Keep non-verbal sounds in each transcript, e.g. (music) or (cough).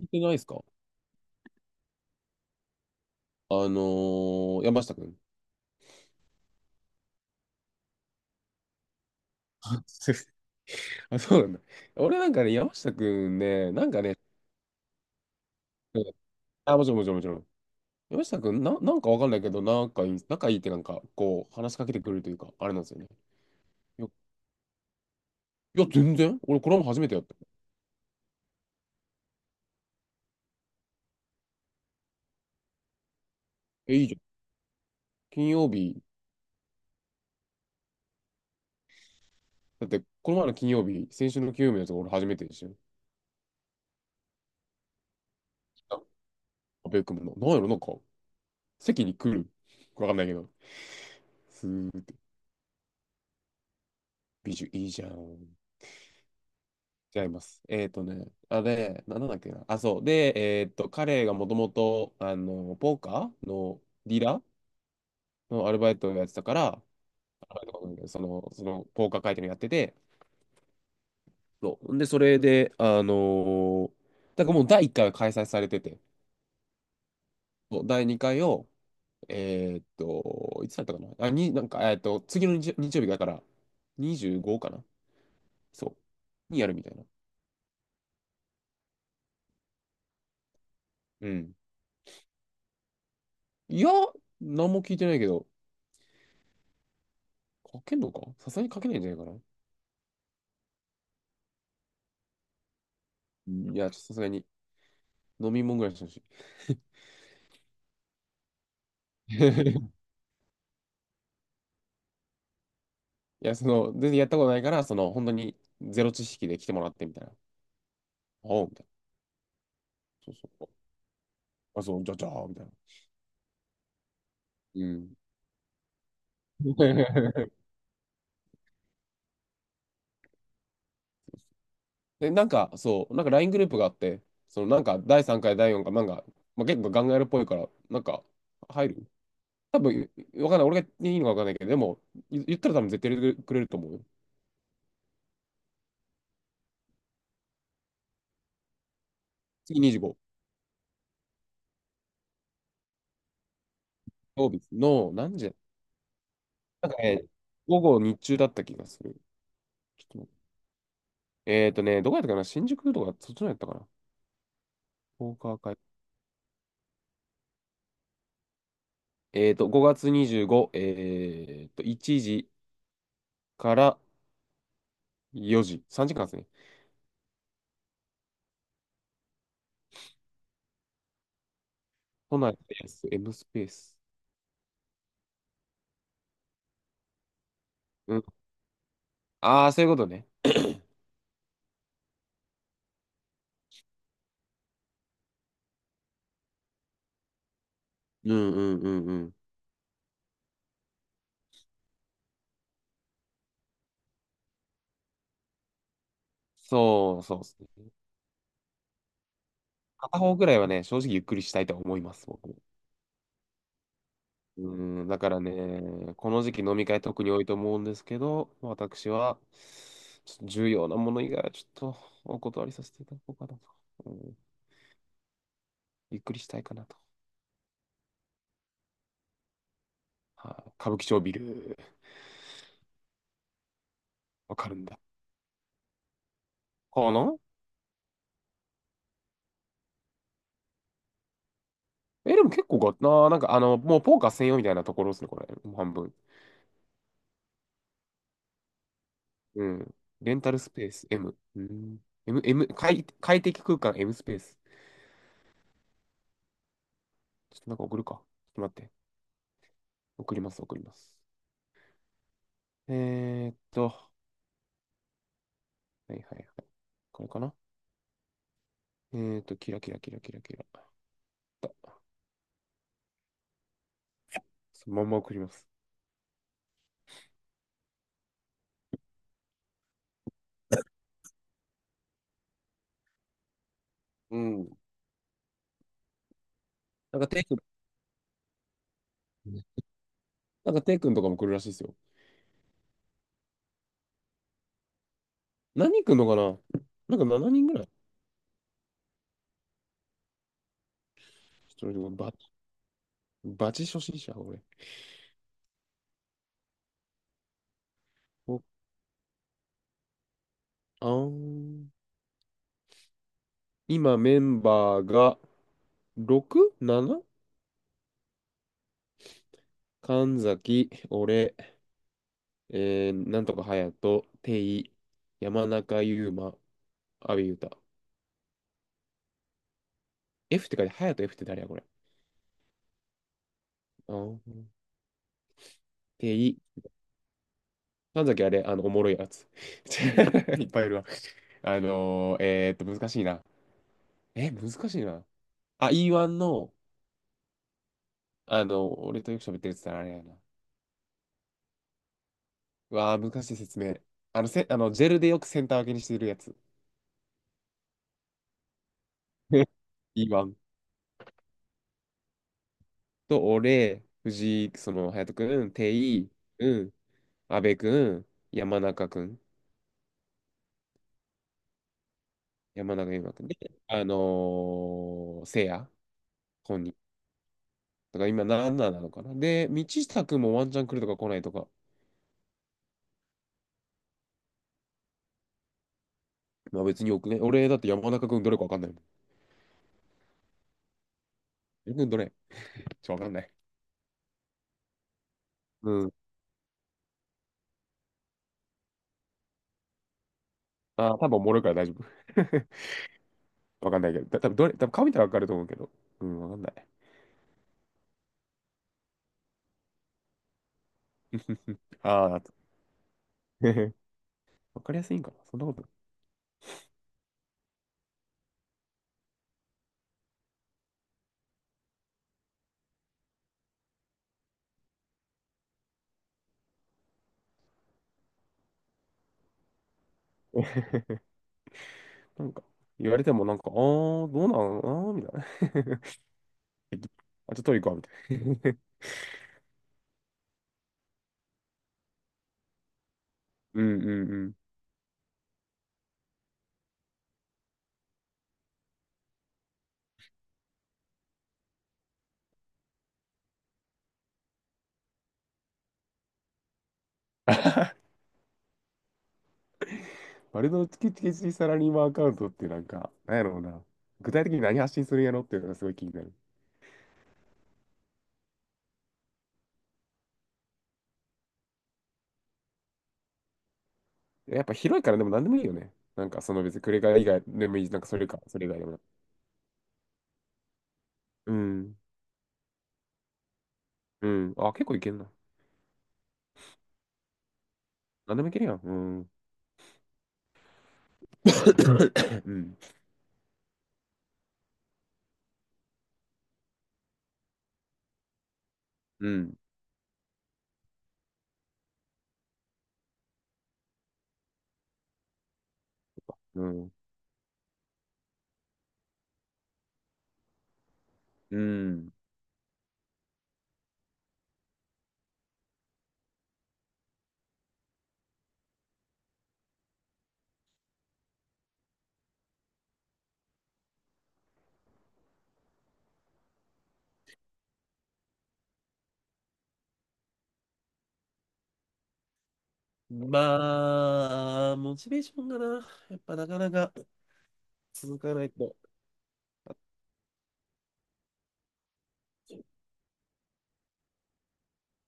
聞いてないですか？あの山下くん。あ、すいません (laughs) あ、そうなんだ。俺なんかね、山下くんね、なんかね。うん。あ、もちろんもちろんもちろん。山下くん、なんかわかんないけど、なんかいい、仲いいってなんか、こう、話しかけてくれるというか、あれなんですよね。いや、いや、全然俺、これも初めてやった。え、いいじゃん。金曜日、だって、この前の金曜日、先週の金曜日のやつ、俺初めてでしょ。あ、阿部君もな、なんやろ、なんか、席に来る。わかんないけど、スーって、美女いいじゃん。違います。あれ、なんだっけな。あ、そう。で、彼がもともと、ポーカーのディーラーのアルバイトをやってたから、アルバイトかわかんないけどその、ポーカー会見をやってて、そう。で、それで、ーだからもう第一回は開催されてて、そう、第二回を、いつだったかな。あ、なんか、次の日、日曜日だから、25かな。そう。にやるみたいな。うん。いや、何も聞いてないけど、書けんのか、さすがに書けないんじゃないかな。いや、ちょっとさすがに飲み物ぐらいしてほしい。(laughs) いや、その、全然やったことないから、その、本当にゼロ知識で来てもらってみたいな。おう、みたいな。そうそう。あ、そう、じゃじゃー、みたいな。うん。(laughs) で、なんか、そう、なんか LINE グループがあって、その、なんか、第3回、第4回、なんか、まあ、結構ガンガールっぽいから、なんか、入る多分、わかんない。俺がいいのかわかんないけど、でも、言ったら多分絶対入れてくれると思うよ。次25、曜日の何時だ？なんかね、午後日中だった気がする。ちょっとどこやったかな、新宿とか、そっちのやったかな？ポーカー会。5月25、1時から4時、3時間ですね。都内でやす。M スペース。うん。ああ、そういうことね。うんうんうんうん。そうそうっすね。片方くらいはね、正直ゆっくりしたいと思います、僕も。うん、だからね、この時期飲み会特に多いと思うんですけど、私は、ちょっと重要なもの以外はちょっとお断りさせていただこうかなと。うん、ゆっくりしたいかなと。はい、歌舞伎町ビル、わかるんだ。かな？え、でも結構なあ、なんかもうポーカー専用みたいなところですね、これ。もう半分。うん。レンタルスペース M。うん。M、M、快適空間 M スペース。ちょっとなんか送るか。ちょっと待って。送ります、送ります。はいはいはい。これかな？キラキラキラキラキラ。そのまんま送ります。うん。なんかテイ君、なんかテイ君とかも来るらしいですよ。何人来るのかな？なんか7人ぐらい。ちょっと俺バチ初心者、俺。おあん、今メンバーが 6?7? 神崎、俺、なんとか隼人、テイ、山中優馬、阿部裕太。F って書いて、隼人 F って誰やこれ？あー、テイ、神崎あれ、おもろいやつ。(laughs) いっぱいいるわ。難しいな。え、難しいな。あ、E1 の、俺とよく喋ってるやつってあれやな。うわー、難しい説明。あの、せ、あの、ジェルでよくセンター分けにしてるやつ。(laughs) E1。と、俺、藤井、その、隼人君、定井、うん、阿部君、山中君、山中優馬君で、あのせいや、本人。だから今んななのかな。で、道下君もワンチャン来るとか来ないとか。まあ別によくね。俺だって山中君どれかわかんないもん。山中君どれ、わかんない。うん。あー、多分おもろいから大丈夫。わかんないけど。た多分どれ、多分顔見たらわかると思うけど。うん、わかんない。あー、あと (laughs) わかりやすいんかな？そんなことない。(laughs) なんか、言われてもなんか、あー、どうなんあー、みたいな。えっとあとトリコはみたいな。(laughs) うんうんうん。バルドチキチキチサラリーマンアカウントってなんか、なんやろうな。具体的に何発信するんやろっていうのがすごい気になる。やっぱ広いからでも何でもいいよね。なんかその別にクレカ以外でもいいし、なんかそれか、それ以外でもうん。うん。あ、結構いけんな。何でもいけるやん。うん。(laughs) (coughs) うん。うん。うん。うん。まあ、モチベーションがな、やっぱなかなか続かないと。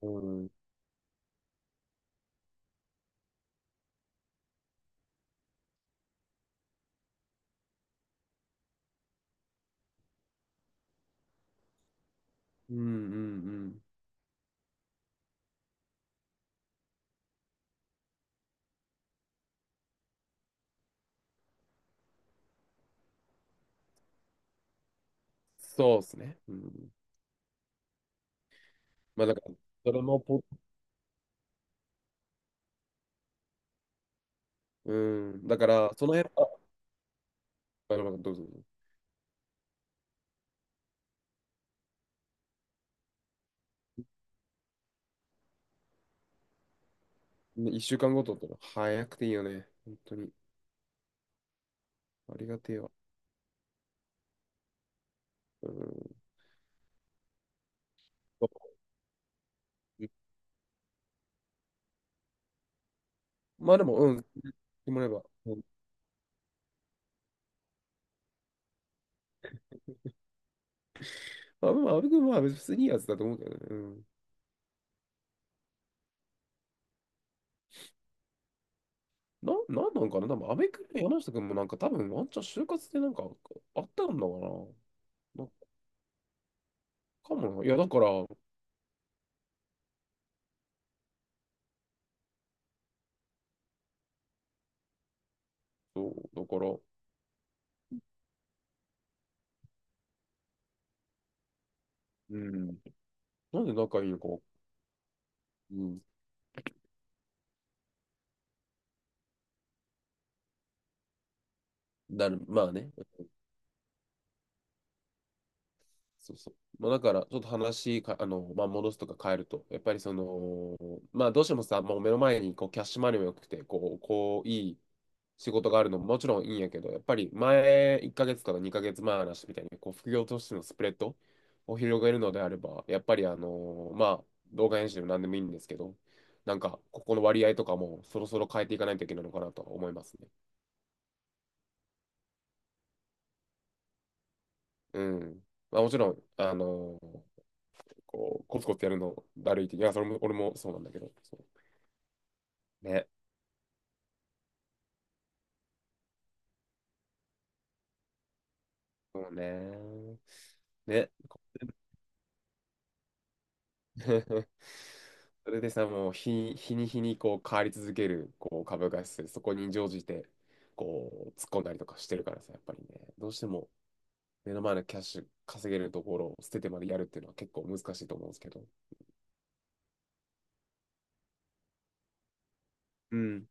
うん。うん。うん。うん、そうっすね。うん。まあだから、それもポ、うん、だから、その辺、あ、どうぞどうぞ。ね、一週間ごとってのは早くていいよね。本当に。ありがてえわ。うん。そう。まあでも、うん、でもらえば。うん。まあ、阿部君は別にいいやつだと思うけどね。うん。なんなんかな多分、阿部君も山下君もなんか多分、ワンチャン就活でなんかあったんだかな。なんかかもな。いや、だから、そう、だから、うん。なんで仲いいのか、うん。まあね。そうそう。まあ、だから、ちょっと話か、あの、まあ、戻すとか変えると、やっぱりその、まあ、どうしてもさ、もう目の前にこうキャッシュマネーも良くて、こう、いい仕事があるのももちろんいいんやけど、やっぱり前1ヶ月から2ヶ月前の話みたいに、こう、副業としてのスプレッドを広げるのであれば、やっぱり、まあ、動画編集でも何でもいいんですけど、なんか、ここの割合とかもそろそろ変えていかないといけないのかなとは思いますね。うん。まあ、もちろん、こう、コツコツやるのだるいって、いや、それも、俺もそうなんだけど。そうね。そうね。ね。(laughs) それでさ、もう日に日にこう変わり続けるこう株価指数、そこに乗じてこう突っ込んだりとかしてるからさ、やっぱりね、どうしても目の前のキャッシュ稼げるところを捨ててまでやるっていうのは結構難しいと思うんですけど、うん。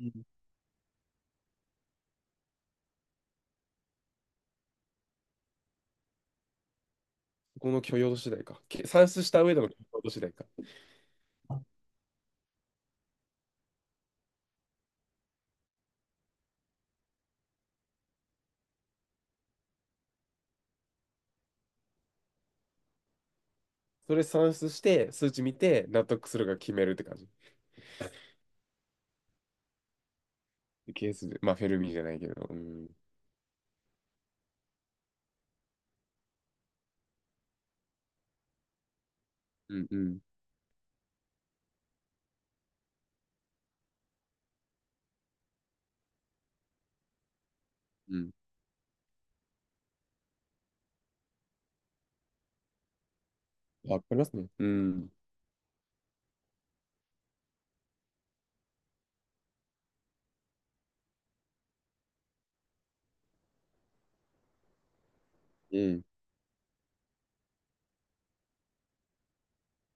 うん。この許容度次第か。算出した上での許容度次第か。それ算出して、数値見て、納得するか決めるって感じ。ケースで、まあ、フェルミじゃないけど、うん。うん、うん、うん。わかりますね。うん。うん、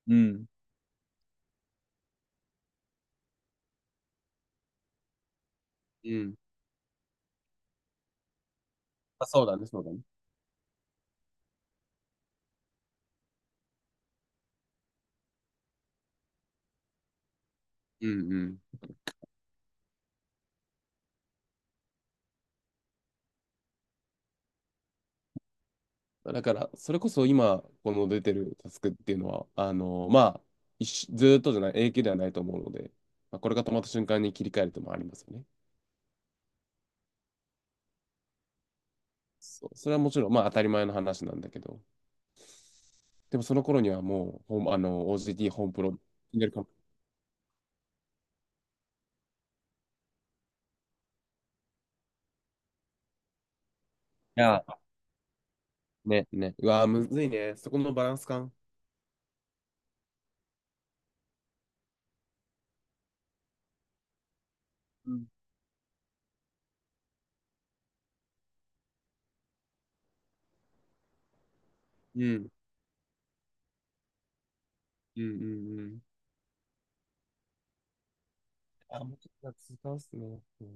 うん、うん。あ、そうだね、そうだね。うん、うん。だから、それこそ今、この出てるタスクっていうのは、まあ、一緒ずーっとじゃない、永久ではないと思うので、まあ、これが止まった瞬間に切り替えるともありますよね。そう、それはもちろん、まあ、当たり前の話なんだけど、でもその頃にはもう、ホームあの、OGT ホームプロになるかも。いや、ね、ね。うわー、むずいね。そこのバランス感。うん、うん、うん、うん。うん。あ、もうちょっと続かっすね。うん